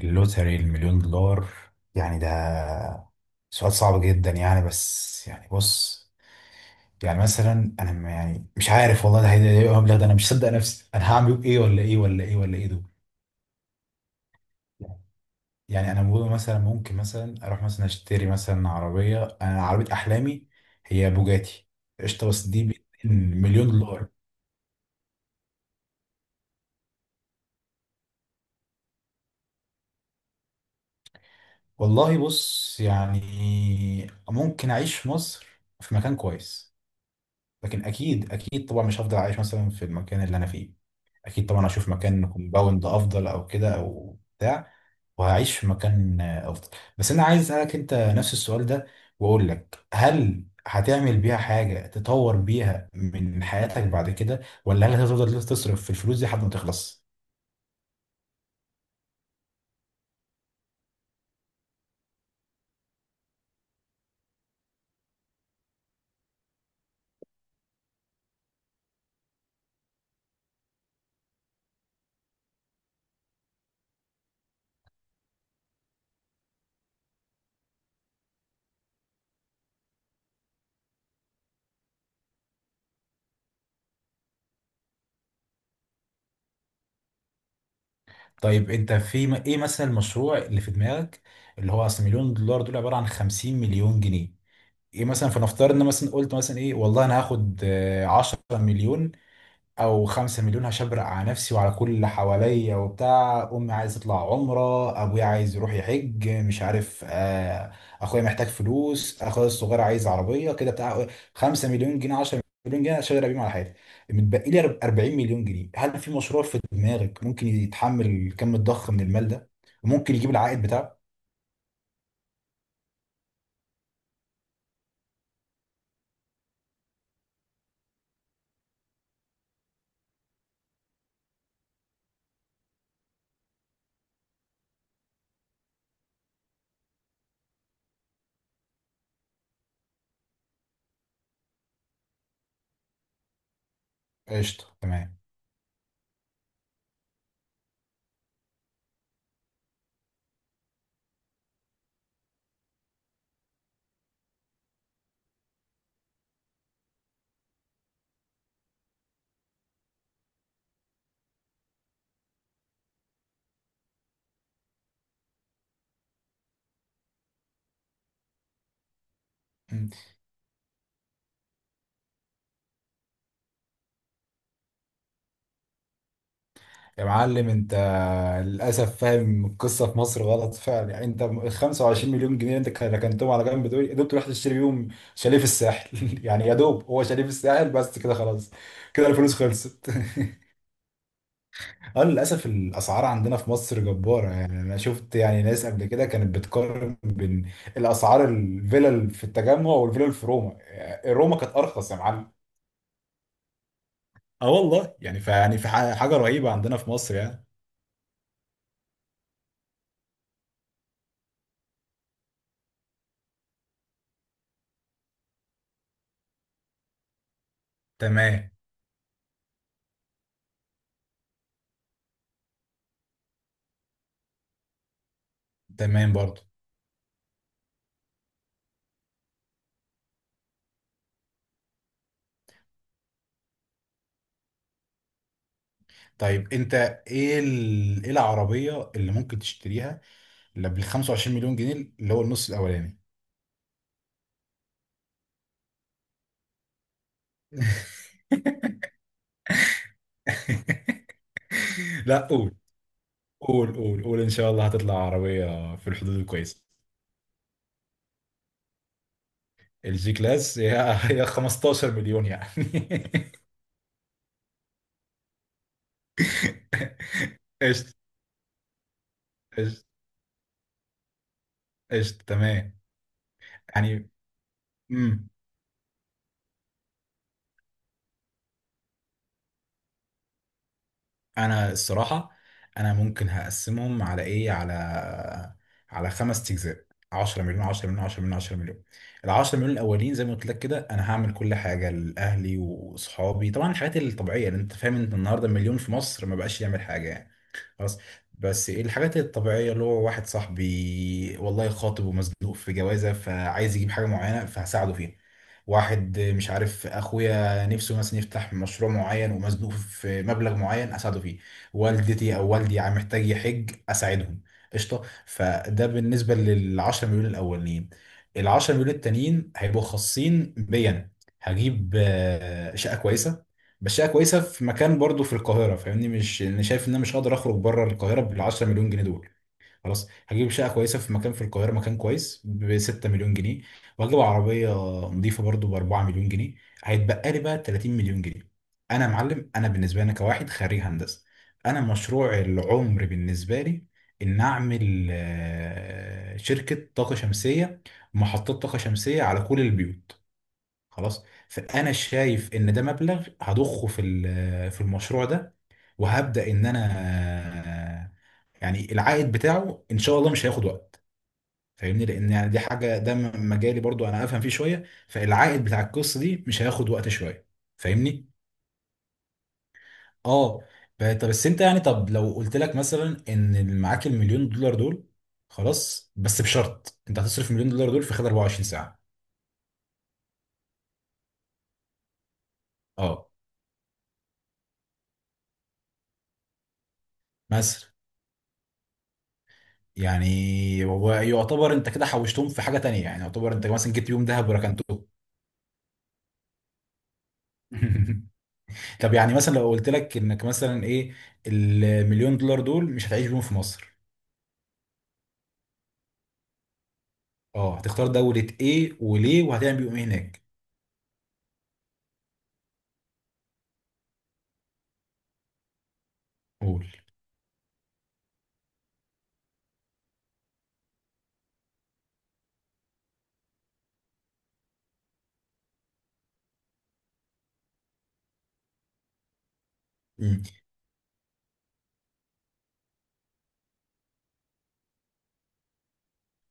اللوتري، المليون دولار، يعني ده سؤال صعب جدا. يعني بس يعني بص، يعني مثلا انا يعني مش عارف والله. ده هيبقى إيه المبلغ ده؟ انا مش صدق نفسي. انا هعمل ايه ولا ايه ولا ايه ولا ايه دول؟ يعني انا بقول مثلا ممكن مثلا اروح مثلا اشتري مثلا عربيه، انا عربيه احلامي هي بوجاتي. قشطه. بس دي مليون دولار. والله بص يعني، ممكن اعيش في مصر في مكان كويس. لكن اكيد اكيد طبعا مش هفضل عايش مثلا في المكان اللي انا فيه. اكيد طبعا هشوف مكان كومباوند افضل او كده او بتاع. وهعيش في مكان افضل. بس انا عايز اسالك انت نفس السؤال ده، واقول لك: هل هتعمل بيها حاجه تطور بيها من حياتك بعد كده؟ ولا هل هتفضل تصرف في الفلوس دي لحد ما تخلص؟ طيب انت في ايه مثلا المشروع اللي في دماغك؟ اللي هو اصل مليون دولار دول عباره عن 50 مليون جنيه. ايه مثلا؟ فنفترض ان مثلا قلت مثلا ايه، والله انا هاخد 10 مليون او 5 مليون، هشبرق على نفسي وعلى كل اللي حواليا وبتاع. امي عايز تطلع عمره، ابويا عايز يروح يحج مش عارف، اخويا محتاج فلوس، اخويا الصغير عايز عربيه كده بتاع. 5 مليون جنيه، 10 مليون جنيه اشتغل بيهم على حياتي. متبقي لي 40 مليون جنيه. هل في مشروع في دماغك ممكن يتحمل الكم الضخم من المال ده، وممكن يجيب العائد بتاعه؟ قشطه، تمام. يا معلم انت للاسف فاهم القصه في مصر غلط فعلا. يعني انت ال 25 مليون جنيه انت ركنتهم على جنب دول يا دوب تروح تشتري بيهم شاليه في الساحل يعني يا دوب هو شاليه في الساحل بس كده خلاص. كده الفلوس خلصت اه للاسف الاسعار عندنا في مصر جباره. يعني انا شفت يعني ناس قبل كده كانت بتقارن بين الاسعار، الفيلل في التجمع والفيلل في روما، يعني روما كانت ارخص يا معلم. اه والله يعني حاجه رهيبه عندنا في مصر يعني. تمام. تمام برضو. طيب انت ايه ايه العربية اللي ممكن تشتريها، اللي بال 25 مليون جنيه، اللي هو النص الاولاني؟ لا، قول، قول، قول، قول ان شاء الله هتطلع عربية في الحدود الكويسة. الجي كلاس هي هي 15 مليون يعني قشطة، قشطة، قشطة، تمام يعني. امم. انا الصراحه انا ممكن هقسمهم على ايه، على خمس اجزاء: 10 مليون، 10 مليون، 10 مليون، 10 مليون. ال 10 مليون الاولين زي ما قلت لك كده انا هعمل كل حاجه لاهلي واصحابي، طبعا الحاجات الطبيعيه اللي انت فاهم. انت النهارده مليون في مصر ما بقاش يعمل حاجه يعني. بس. بس ايه الحاجات الطبيعية؟ اللي هو واحد صاحبي والله خاطب ومزنوق في جوازة فعايز يجيب حاجة معينة فهساعده فيها. واحد مش عارف، اخويا نفسه مثلا يفتح مشروع معين ومزنوق في مبلغ معين اساعده فيه. والدتي او والدي عم محتاج يحج اساعدهم. قشطة. فده بالنسبة للعشرة مليون الاولين. العشرة مليون التانيين هيبقوا خاصين بيا. هجيب شقة كويسة، بس هي كويسه في مكان برضو في القاهره، فاهمني. مش يعني انا شايف ان انا مش هقدر اخرج بره القاهره بال 10 مليون جنيه دول. خلاص، هجيب شقه كويسه في مكان في القاهره، مكان كويس، ب 6 مليون جنيه. وهجيب عربيه نظيفه برضو ب 4 مليون جنيه. هيتبقى لي بقى 30 مليون جنيه. انا يا معلم انا بالنسبه لي أنا كواحد خريج هندسه، انا مشروع العمر بالنسبه لي ان اعمل شركه طاقه شمسيه، محطات طاقه شمسيه على كل البيوت. خلاص. فانا شايف ان ده مبلغ هضخه في في المشروع ده. وهبدا ان انا يعني العائد بتاعه ان شاء الله مش هياخد وقت. فاهمني، لان يعني دي حاجه ده مجالي برضو انا افهم فيه شويه، فالعائد بتاع القصه دي مش هياخد وقت شويه. فاهمني. اه. طب بس انت يعني، طب لو قلت لك مثلا ان معاك المليون دولار دول، خلاص بس بشرط: انت هتصرف مليون دولار دول في خلال 24 ساعه. اه مثلا، يعني هو يعتبر انت كده حوشتهم في حاجه تانية، يعني يعتبر انت مثلا جبت بيهم ذهب وركنتهم. طب يعني مثلا لو قلت لك انك مثلا ايه، المليون دولار دول مش هتعيش بيهم في مصر، اه هتختار دوله ايه وليه وهتعمل بيهم ايه هناك؟ قول.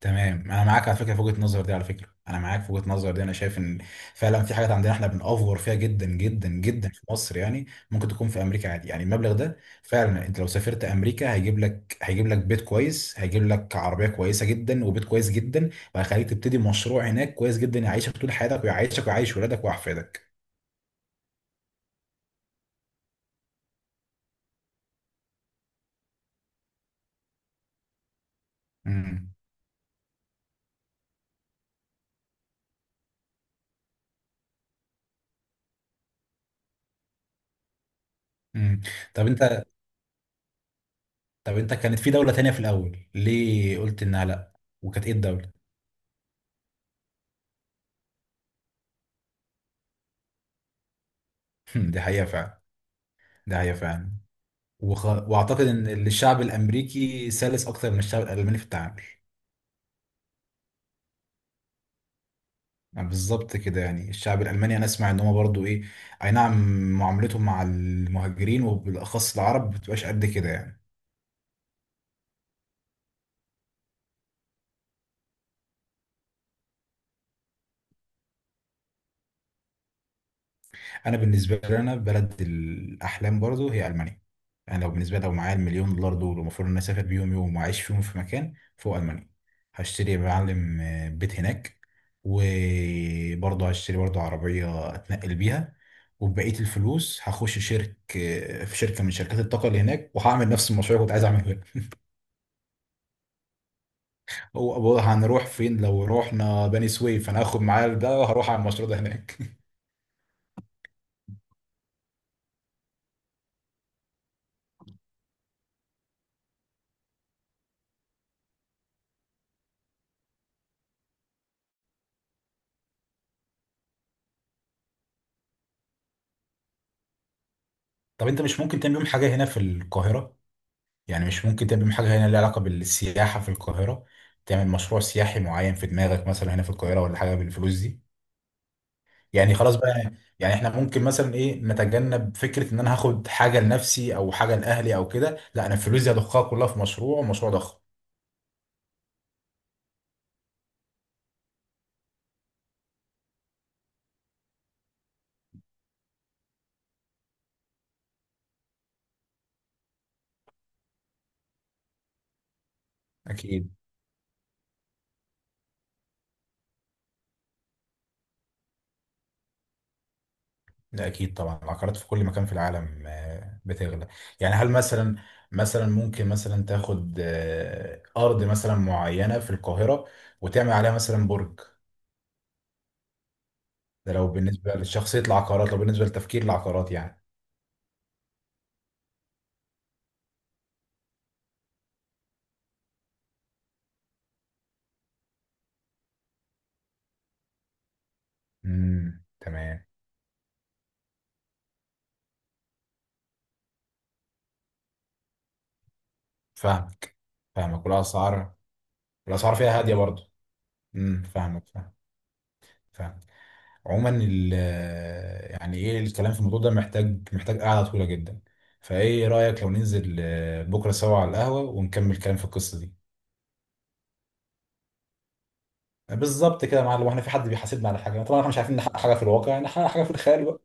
تمام، انا معاك على فكره في وجهه النظر دي. على فكره انا معاك في وجهه النظر دي. انا شايف ان فعلا في حاجات عندنا احنا بنأفور فيها جدا جدا جدا في مصر، يعني ممكن تكون في امريكا عادي يعني. المبلغ ده فعلا انت لو سافرت امريكا هيجيب لك، هيجيب لك بيت كويس، هيجيب لك عربيه كويسه جدا وبيت كويس جدا، وهيخليك تبتدي مشروع هناك كويس جدا، يعيشك طول حياتك ويعيشك ويعيش ولادك واحفادك. امم. امم. طب انت، طب انت كانت في دوله تانية في الاول ليه قلت انها لا؟ وكانت ايه الدوله؟ دي حقيقه فعلا. ده حقيقه فعلا. واعتقد ان الشعب الامريكي سلس اكتر من الشعب الالماني في التعامل. يعني بالظبط كده يعني الشعب الالماني انا اسمع ان هو برضو ايه، اي نعم معاملتهم مع المهاجرين وبالاخص العرب بتبقاش قد كده يعني. انا بالنسبه لي، انا بلد الاحلام برضو هي المانيا. انا لو بالنسبه لي، لو معايا المليون دولار دول ومفروض ان انا اسافر بيهم يوم واعيش فيهم في مكان، فوق المانيا هشتري يا معلم بيت هناك، وبرضه هشتري برضه عربيه اتنقل بيها. وبقيه الفلوس هخش شرك آه، في شركه من شركات الطاقه اللي هناك، وهعمل نفس المشروع اللي كنت عايز اعمله هنا. هو هو هنروح فين لو رحنا بني سويف؟ انا هاخد معايا ده وهروح على المشروع ده هناك طب انت مش ممكن تعمل يوم حاجه هنا في القاهره؟ يعني مش ممكن تعمل حاجة هنا لها علاقة بالسياحة في القاهرة؟ تعمل مشروع سياحي معين في دماغك مثلا هنا في القاهرة ولا حاجة بالفلوس دي؟ يعني خلاص بقى، يعني احنا ممكن مثلا ايه نتجنب فكرة ان انا هاخد حاجة لنفسي او حاجة لأهلي او كده. لا، انا الفلوس دي هضخها كلها في مشروع، مشروع ضخم. اكيد. لا اكيد طبعا العقارات في كل مكان في العالم بتغلى يعني. هل مثلا، مثلا ممكن مثلا تاخد ارض مثلا معينة في القاهرة وتعمل عليها مثلا برج؟ ده لو بالنسبة للشخصية العقارات، لو بالنسبة لتفكير العقارات يعني. امم، تمام. فاهمك. فاهمك. والأسعار، الأسعار فيها هادية برضه. امم، فاهمك. فاهمك. فاهمك. عموما يعني ايه، الكلام في الموضوع ده محتاج محتاج قعدة طويلة جدا. فايه رأيك لو ننزل بكرة سوا على القهوة ونكمل الكلام في القصة دي؟ بالظبط كده يا معلم، واحنا في حد بيحاسبنا على حاجة؟ طبعا احنا مش عارفين نحقق حاجة في الواقع، نحقق حاجة في الخيال بقى.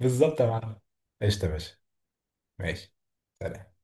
بالظبط يا معلم. قشطة يا باشا. ماشي. سلام.